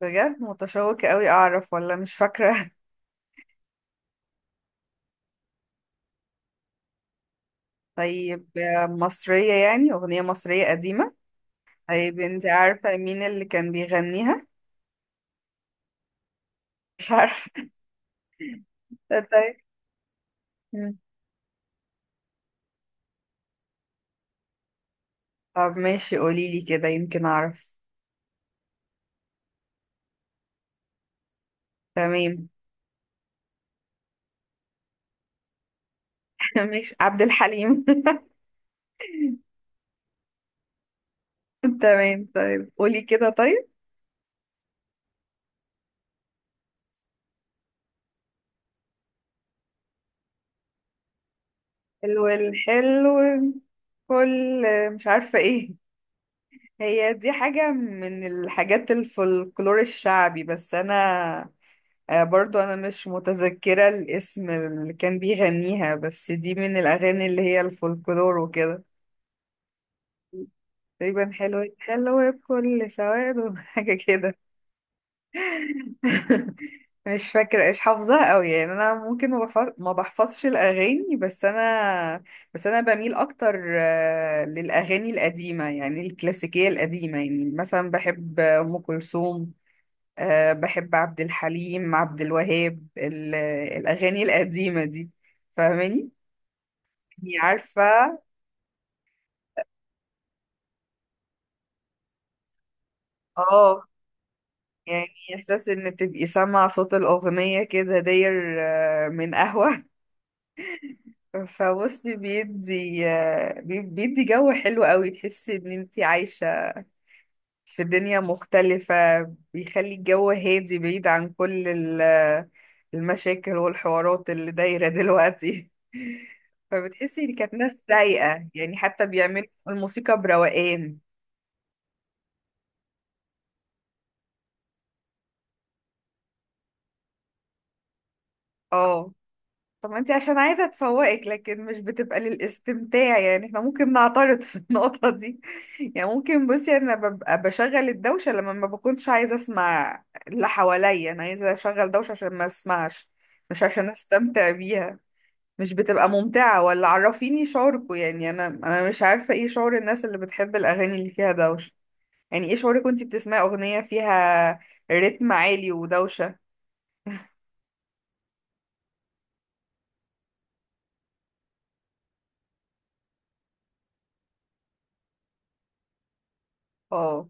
بجد متشوقة قوي أعرف ولا مش فاكرة. طيب، مصرية، يعني أغنية مصرية قديمة. طيب، أنت عارفة مين اللي كان بيغنيها؟ مش عارفة. طيب. مم. طب ماشي، قوليلي كده يمكن أعرف. تمام. ماشي، عبد الحليم. تمام، طيب قولي كده طيب. حلو الحلو. كل. مش عارفة ايه. هي دي حاجة من الحاجات الفولكلور الشعبي، بس أنا. برضو انا مش متذكرة الاسم اللي كان بيغنيها، بس دي من الاغاني اللي هي الفولكلور وكده. تقريبا حلو حلو بكل سواد، حاجة كده. مش فاكرة ايش حافظاها قوي، يعني انا ممكن ما بحفظش الاغاني، بس انا بميل اكتر، للاغاني القديمة، يعني الكلاسيكية القديمة، يعني مثلا بحب ام كلثوم. أه بحب عبد الحليم، عبد الوهاب، الأغاني القديمة دي. فاهماني؟ يعني عارفة. اه. يعني إحساس إن تبقي سامعة صوت الأغنية كده داير، من قهوة. فبصي بيدي بيدي جو حلو قوي، تحسي إن انتي عايشة في دنيا مختلفة. بيخلي الجو هادي بعيد عن كل المشاكل والحوارات اللي دايرة دلوقتي. فبتحسي ان كانت ناس رايقة، يعني حتى بيعملوا الموسيقى بروقان. اه. طب ما انتي عشان عايزة تفوقك، لكن مش بتبقى للاستمتاع، يعني احنا ممكن نعترض في النقطة دي. يعني ممكن، بصي انا ببقى بشغل الدوشة لما ما بكونش عايزة اسمع اللي حواليا، انا عايزة اشغل دوشة عشان ما اسمعش. مش عشان استمتع بيها. مش بتبقى ممتعة، ولا عرفيني شعوركوا، يعني انا مش عارفة ايه شعور الناس اللي بتحب الاغاني اللي فيها دوشة. يعني ايه شعورك وانتي بتسمعي اغنية فيها رتم عالي ودوشة؟ اه،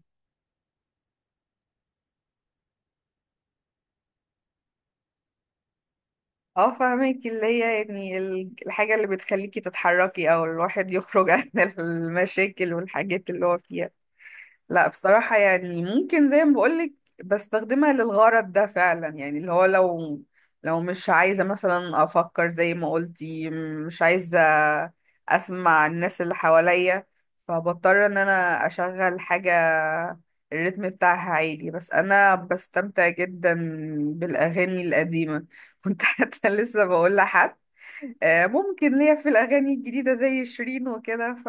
اه، فاهمك، اللي هي يعني الحاجة اللي بتخليكي تتحركي او الواحد يخرج عن المشاكل والحاجات اللي هو فيها. لا بصراحة، يعني ممكن زي ما بقولك، بستخدمها للغرض ده فعلا، يعني اللي هو لو مش عايزة مثلا أفكر زي ما قلتي، مش عايزة أسمع الناس اللي حواليا، فبضطر إن أنا أشغل حاجة الريتم بتاعها عالي. بس أنا بستمتع جدا بالأغاني القديمة. كنت حتى لسه بقول لحد ممكن ليا في الأغاني الجديدة زي شيرين وكده.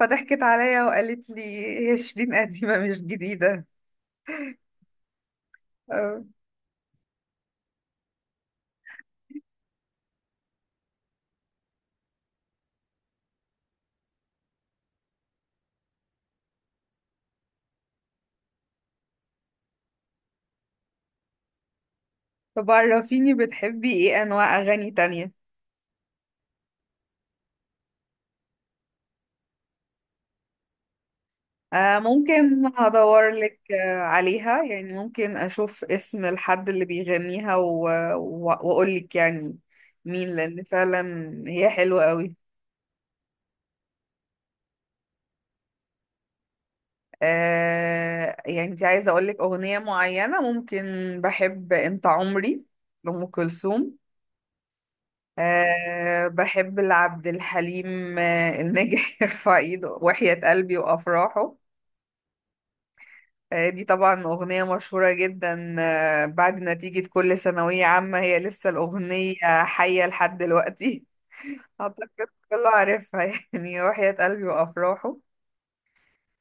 فضحكت عليا وقالت لي: هي شيرين قديمة مش جديدة. آه، طب عرفيني، بتحبي ايه أنواع أغاني تانية؟ ممكن هدور لك عليها، يعني ممكن أشوف اسم الحد اللي بيغنيها و... وأقول لك يعني مين، لأن فعلا هي حلوة قوي. يعني انت عايزة أقول لك أغنية معينة، ممكن. بحب أنت عمري لأم كلثوم. أه بحب لعبد الحليم الناجح، يرفع ايده، وحياة قلبي، وأفراحه. أه دي طبعا أغنية مشهورة جدا، أه بعد نتيجة كل ثانوية عامة هي لسه الأغنية حية لحد دلوقتي. أعتقد كله عارفها، يعني وحياة قلبي وأفراحه.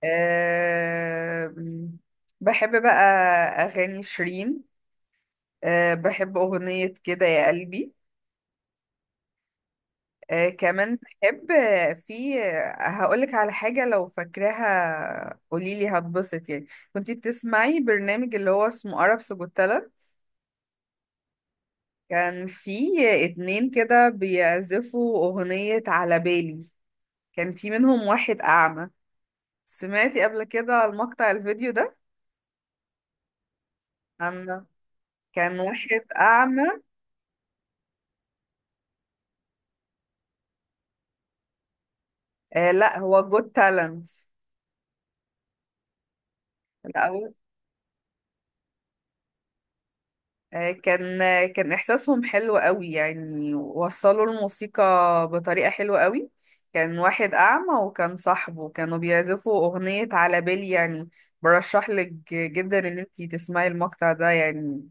أه، بحب بقى أغاني شيرين. أه بحب أغنية كده يا قلبي. كمان بحب في هقولك على حاجة، لو فاكراها قوليلي هتبسط يعني. كنتي بتسمعي برنامج اللي هو اسمه عرب سجوتالا؟ كان في اتنين كده بيعزفوا أغنية على بالي. كان في منهم واحد أعمى. سمعتي قبل كده المقطع الفيديو ده؟ عن كان واحد أعمى. آه لا، هو جود تالنت. كان إحساسهم حلو قوي، يعني وصلوا الموسيقى بطريقة حلوة قوي. كان واحد أعمى وكان صاحبه، كانوا بيعزفوا أغنية على بالي يعني. برشح لك جدا إن انتي تسمعي المقطع ده يعني.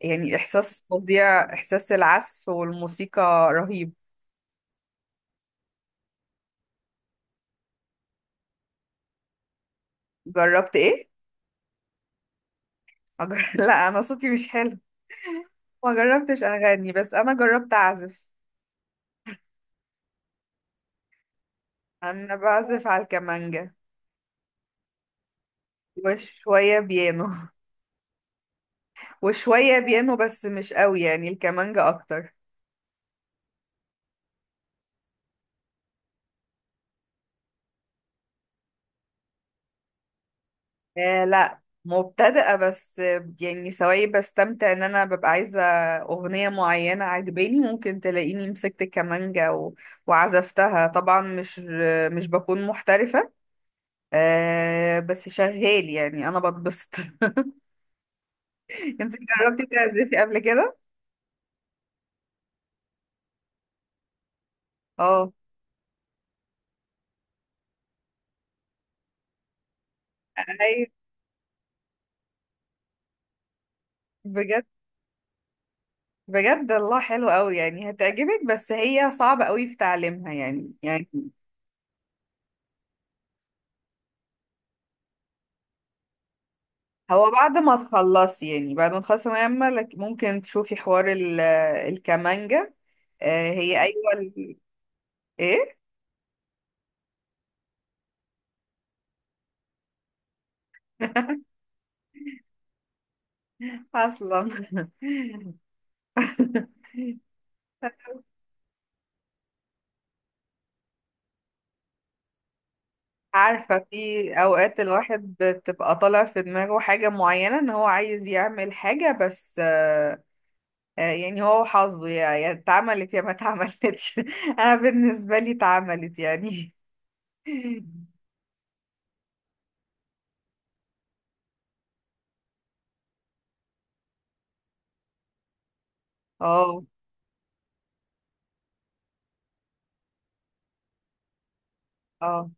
يعني إحساس فظيع، إحساس العزف والموسيقى رهيب. جربت إيه؟ لا، أنا صوتي مش حلو. ما جربتش أغني، بس أنا جربت أعزف. أنا بعزف على الكمانجة وشوية بيانو وشوية بيانو بس مش قوي، يعني الكمانجا أكتر. آه لا مبتدئة، بس يعني سواء بستمتع إن أنا ببقى عايزة أغنية معينة عجباني، ممكن تلاقيني مسكت الكمانجا وعزفتها. طبعا مش بكون محترفة. آه بس شغال، يعني أنا بتبسط. انت جربتي تعزفي قبل كده؟ اه. أي؟ بجد؟ بجد الله حلو قوي، يعني هتعجبك، بس هي صعبة قوي في تعليمها يعني. هو بعد ما تخلصي ثانوية عامة، ممكن تشوفي حوار الكمانجة. هي أيوة إيه. أصلا. عارفة، في أوقات الواحد بتبقى طالع في دماغه حاجة معينة إن هو عايز يعمل حاجة، بس يعني هو حظه، يا اتعملت يا ما اتعملتش. أنا بالنسبة لي اتعملت يعني. اه. اه.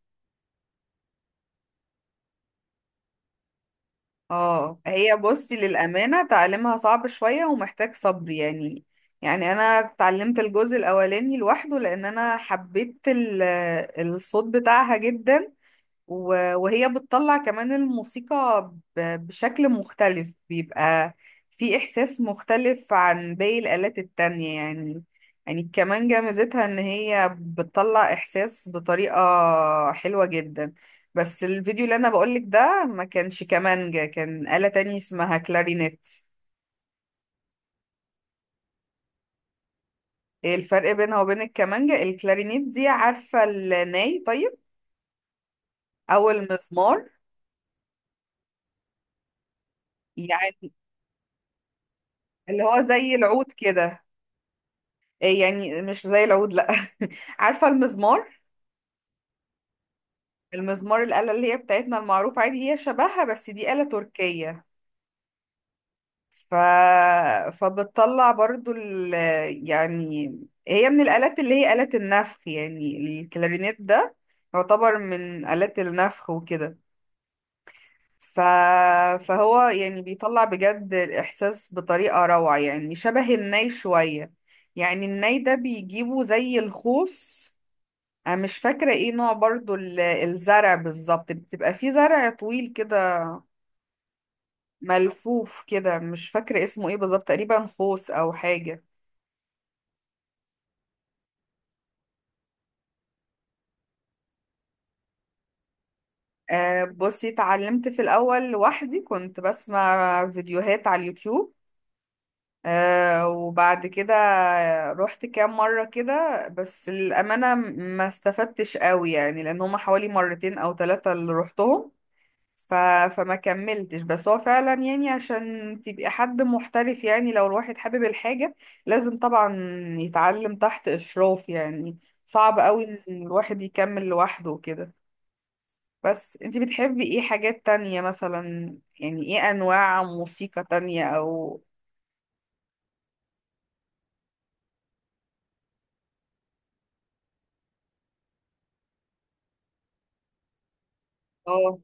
اه، هي بصي للأمانة تعلمها صعب شوية ومحتاج صبر يعني. يعني أنا اتعلمت الجزء الأولاني لوحده لأن أنا حبيت الصوت بتاعها جدا، و- وهي بتطلع كمان الموسيقى ب- بشكل مختلف، بيبقى في إحساس مختلف عن باقي الآلات التانية يعني. يعني الكمانجة ميزتها إن هي بتطلع إحساس بطريقة حلوة جدا. بس الفيديو اللي أنا بقولك ده ما كانش كمانجة، كان آلة تانية اسمها كلارينيت. إيه الفرق بينها وبين الكمانجة؟ الكلارينيت دي، عارفة الناي؟ طيب أو المزمار. يعني اللي هو زي العود كده. إيه يعني، مش زي العود لا، عارفة المزمار؟ المزمار الآلة اللي هي بتاعتنا المعروفة عادي، هي شبهها بس دي آلة تركية. ف... فبتطلع برضو يعني هي من الآلات اللي هي آلة النفخ، يعني الكلارينيت ده يعتبر من آلات النفخ وكده. ف... فهو يعني بيطلع بجد الإحساس بطريقة روعة، يعني شبه الناي شوية. يعني الناي ده بيجيبه زي الخوص. انا مش فاكرة ايه نوع برضو الزرع بالظبط، بتبقى فيه زرع طويل كده ملفوف كده، مش فاكرة اسمه ايه بالظبط، تقريبا خوص او حاجة. أه بصي، اتعلمت في الاول لوحدي، كنت بسمع فيديوهات على اليوتيوب. أه وبعد كده رحت كام مرة كده، بس الأمانة ما استفدتش قوي، يعني لأن هما حوالي مرتين أو ثلاثة اللي رحتهم، ف... فما كملتش. بس هو فعلا يعني عشان تبقى حد محترف، يعني لو الواحد حابب الحاجة لازم طبعا يتعلم تحت إشراف يعني. صعب قوي إن الواحد يكمل لوحده وكده. بس انتي بتحبي ايه حاجات تانية مثلا؟ يعني ايه انواع موسيقى تانية، او؟ اه.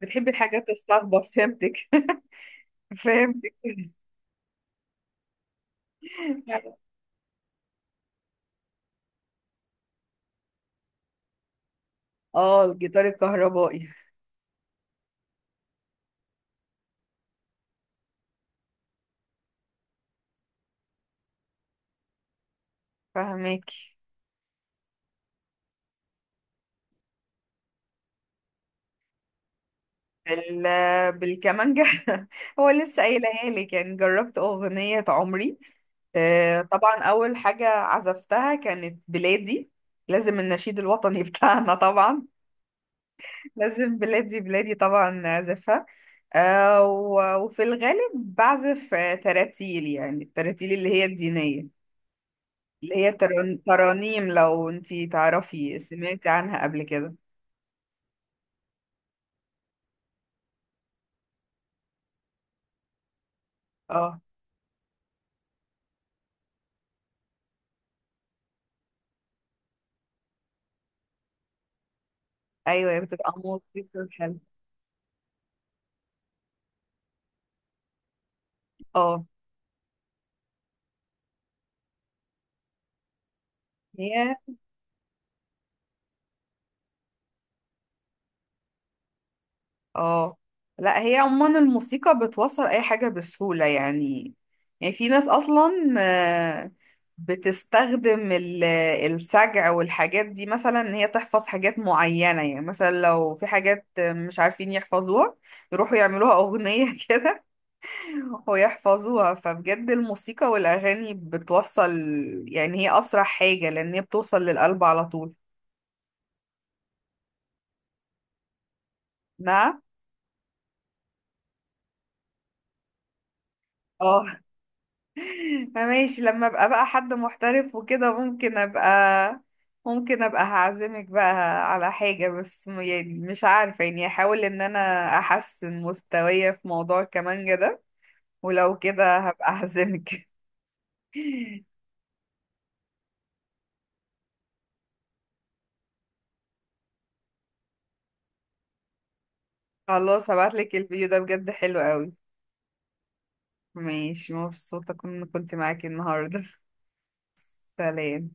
بتحبي الحاجات الصاخبة، فهمتك. فهمتك. اه الجيتار الكهربائي. فهمك. بال... بالكمانجة. هو لسه قايلها لي، كان جربت أغنية عمري. طبعا أول حاجة عزفتها كانت بلادي. لازم النشيد الوطني بتاعنا طبعا. لازم بلادي بلادي طبعا أعزفها. و- وفي الغالب بعزف تراتيل، يعني التراتيل اللي هي الدينية، اللي هي ترانيم. لو انتي تعرفي سمعتي عنها قبل كده؟ اه، ايوه بتبقى موسيقى حلوة. اه. هي. اه لا، هي عموما الموسيقى بتوصل اي حاجة بسهولة يعني. يعني في ناس اصلا آه، بتستخدم السجع والحاجات دي، مثلا ان هي تحفظ حاجات معينة، يعني مثلا لو في حاجات مش عارفين يحفظوها يروحوا يعملوها اغنية كده ويحفظوها. فبجد الموسيقى والاغاني بتوصل، يعني هي اسرع حاجة لان هي بتوصل للقلب على طول. نعم. اه. ماشي، لما ابقى بقى حد محترف وكده ممكن ابقى هعزمك بقى على حاجة، بس يعني مش عارفة، يعني احاول ان انا احسن مستوايا في موضوع الكمانجة ده، ولو كده هبقى اعزمك. خلاص، هبعتلك الفيديو ده، بجد حلو قوي. ماشي، مبسوطة كنت معاكي النهاردة. سلام.